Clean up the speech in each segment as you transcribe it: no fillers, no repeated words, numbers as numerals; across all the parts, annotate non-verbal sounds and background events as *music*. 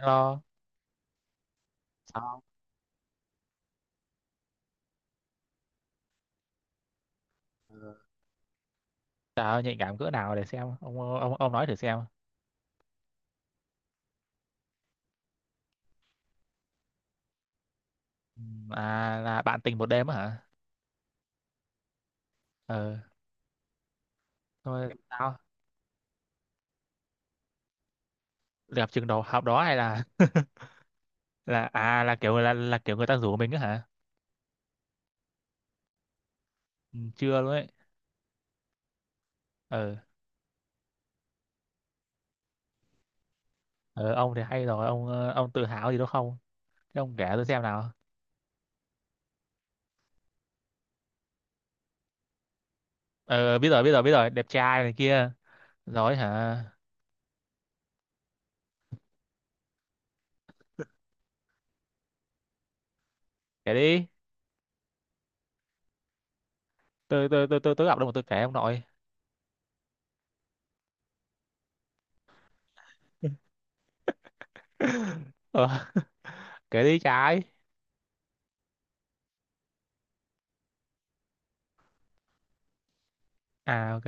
Hello, sao? Ờ, Trời ơi, nhạy cảm cỡ nào để xem ông nói thử xem. À là bạn tình một đêm á hả? Ờ, thôi sao? Đẹp chừng đầu học đó hay là *laughs* là à là kiểu người ta rủ mình á hả? Ừ, chưa luôn ấy. Ờ, ờ, ông thì hay rồi, ông tự hào gì đâu không? Thế ông kể tôi xem nào. Ờ, biết rồi, biết rồi, biết rồi, đẹp trai này kia. Rồi hả? Kể đi. Tôi đọc đâu mà tôi kể ông nội. *laughs* Ờ, *laughs* kể đi trái. À, ok.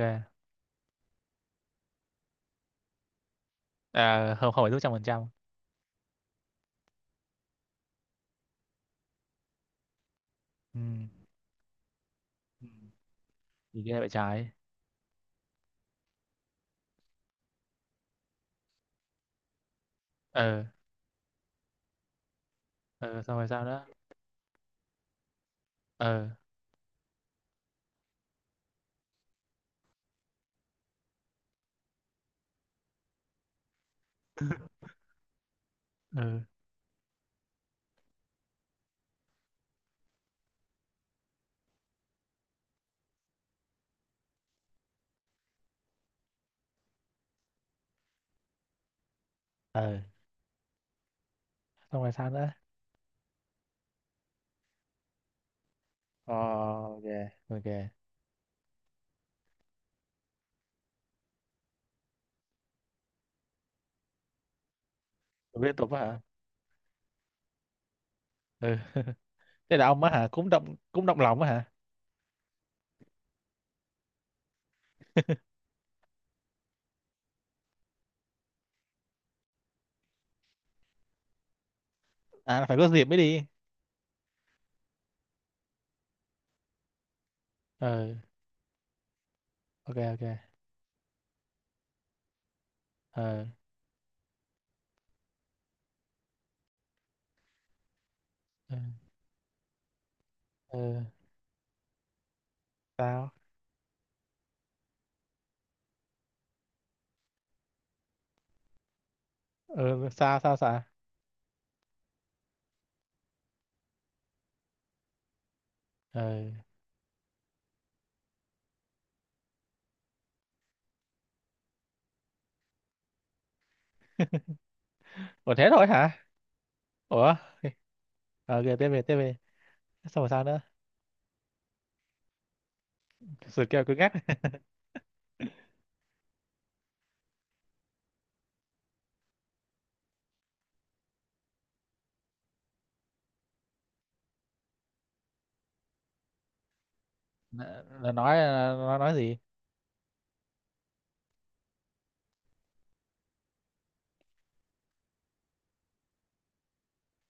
À, không không phải lúc 100%. Ừ. Ừ. Thì ghê vậy trái? Ờ. Ờ. Xong rồi sao nữa? Ờ. Ờ. Ờ. Xong rồi sao nữa? Ờ, ok, ok. Tôi biết tục á hả? Ừ. *laughs* Thế là ông á hả, cũng động lòng á hả? *laughs* À, là phải có dịp mới đi. Ờ, ok, ok. Ờ. Ờ. Ờ, sao? Ờ. Sao, sao, sao? Ờ. Ủa, thế thôi hả? Ủa. Ờ, ok, tiếp về, tiếp về. Xong rồi sao nữa? Sự kêu cứ ngắt. Là, nói nó nói gì?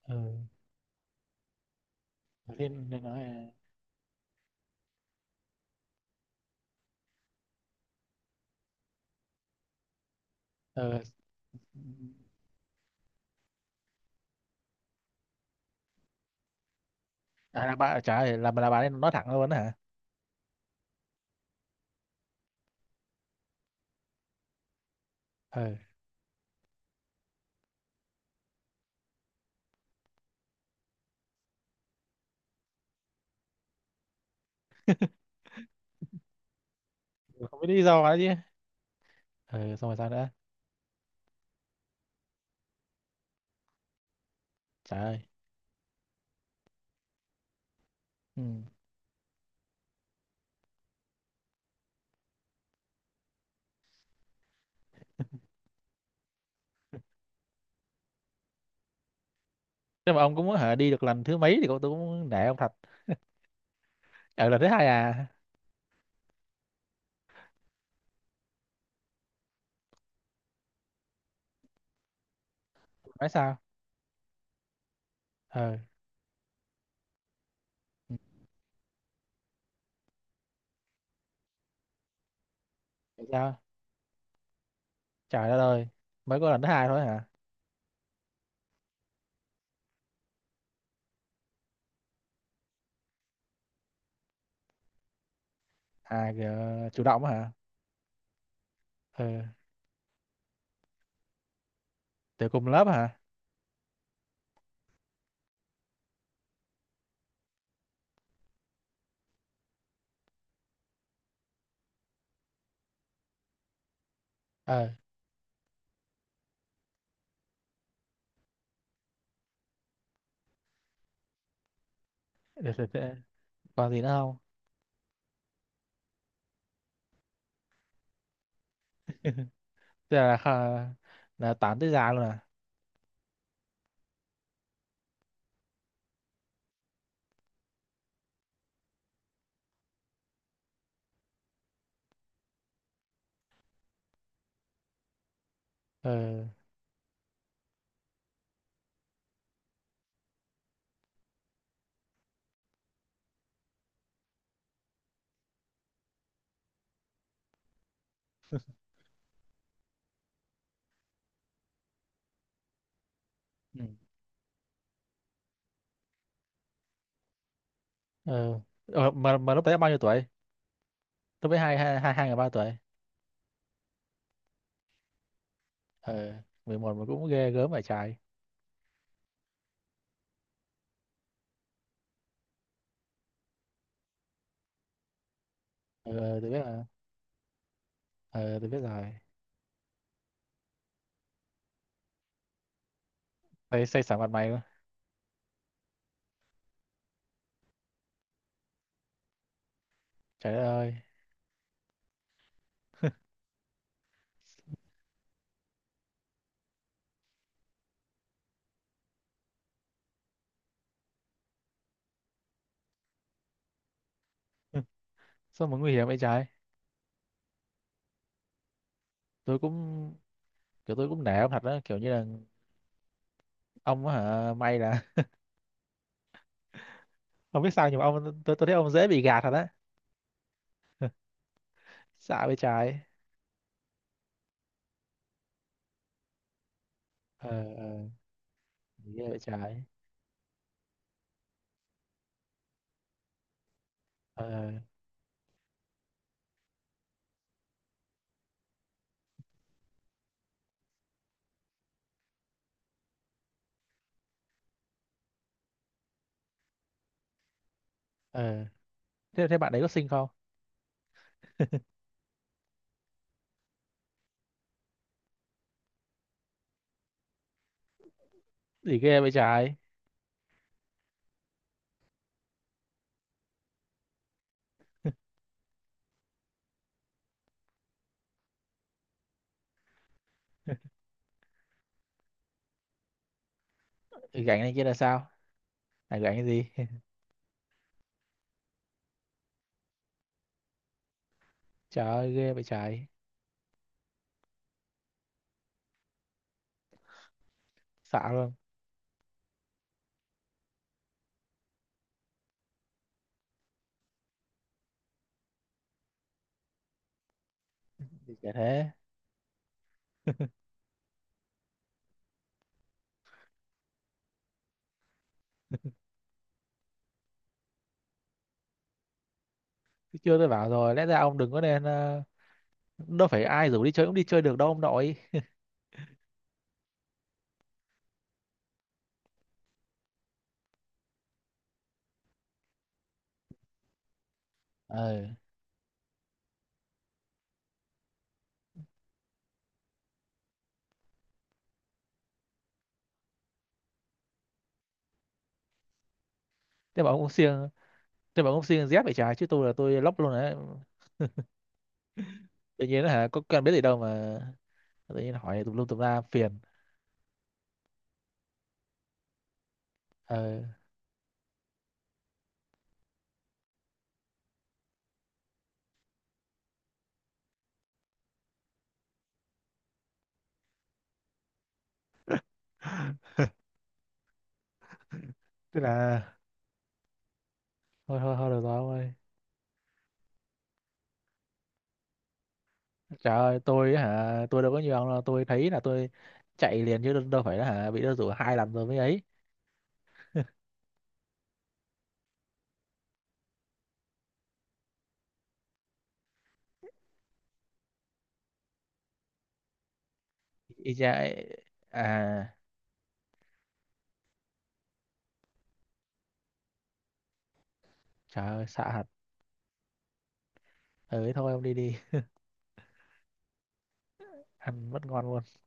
Ừ, thì nó nói. Ờ. À, là bà trả lời là, bà ấy nói thẳng luôn đó hả? Ừ. *laughs* Không biết lý do nữa chứ. Ừ, xong rồi sao nữa? Trời ơi. Ừ. Nếu mà ông cũng muốn hả, đi được lần thứ mấy thì cũng, tôi cũng nể ông thật. Ở lần thứ hai à? Nói sao? Ừ. Ừ. Tại sao? Trời đất ơi, mới có lần thứ hai thôi hả? À kìa, chủ động á hả? Ừ. Từ cùng lớp hả? Ừ. Được, được, được. Còn gì nữa không? *laughs* Tức là là tán tới già luôn à? Ừ. Ừ. Ừ. Ờ, mà lúc đấy bao nhiêu tuổi? Lúc đấy hai hai hai hai người bao nhiêu tuổi? Ờ, 11 mà cũng ghê gớm phải trái. Ờ, tôi biết là. Ờ, tôi biết rồi. Xây, xây xả mặt mày quá. Trời đất ơi. *laughs* Sao mà nguy hiểm vậy trái. Tôi cũng, kiểu tôi cũng nể ông thật đó, kiểu như là ông á hả, may là. *laughs* Không biết sao, nhưng mà ông, tôi thấy ông dễ bị gạt thật á. Xả vậy trái. Ờ. Ờ. Ghê vậy trái. Ờ. Ờ. thế thế bạn đấy có xinh không? Gì ghê vậy trái. Gánh này kia là sao? Này gánh cái gì? *laughs* Trời ơi ghê vậy trái. Xả luôn. Gì chả thế. Chứ chưa, tôi bảo rồi, lẽ ra ông đừng có nên, ờ, đâu phải ai rủ đi chơi cũng đi chơi được đâu ông nội. Ờ. *laughs* thế mà ông cũng siêng thế mà ông cũng siêng dép vậy trái chứ tôi là tôi lóc luôn đấy tự nhiên hả có cần biết gì đâu mà tự nhiên hỏi tùm lum tùm la phiền ờ *laughs* tức là thôi, thôi, thôi được rồi ông ơi. Trời ơi, tôi hả? Tôi đâu có nhiều ông đâu, tôi thấy là tôi chạy liền, chứ đâu đâu phải là hả bị nó rủ 2 lần rồi mới ấy. Y chang ấy. À. Trời ơi xạ hạt. Ừ, thôi ông đi đi. *laughs* Ăn mất ngon luôn.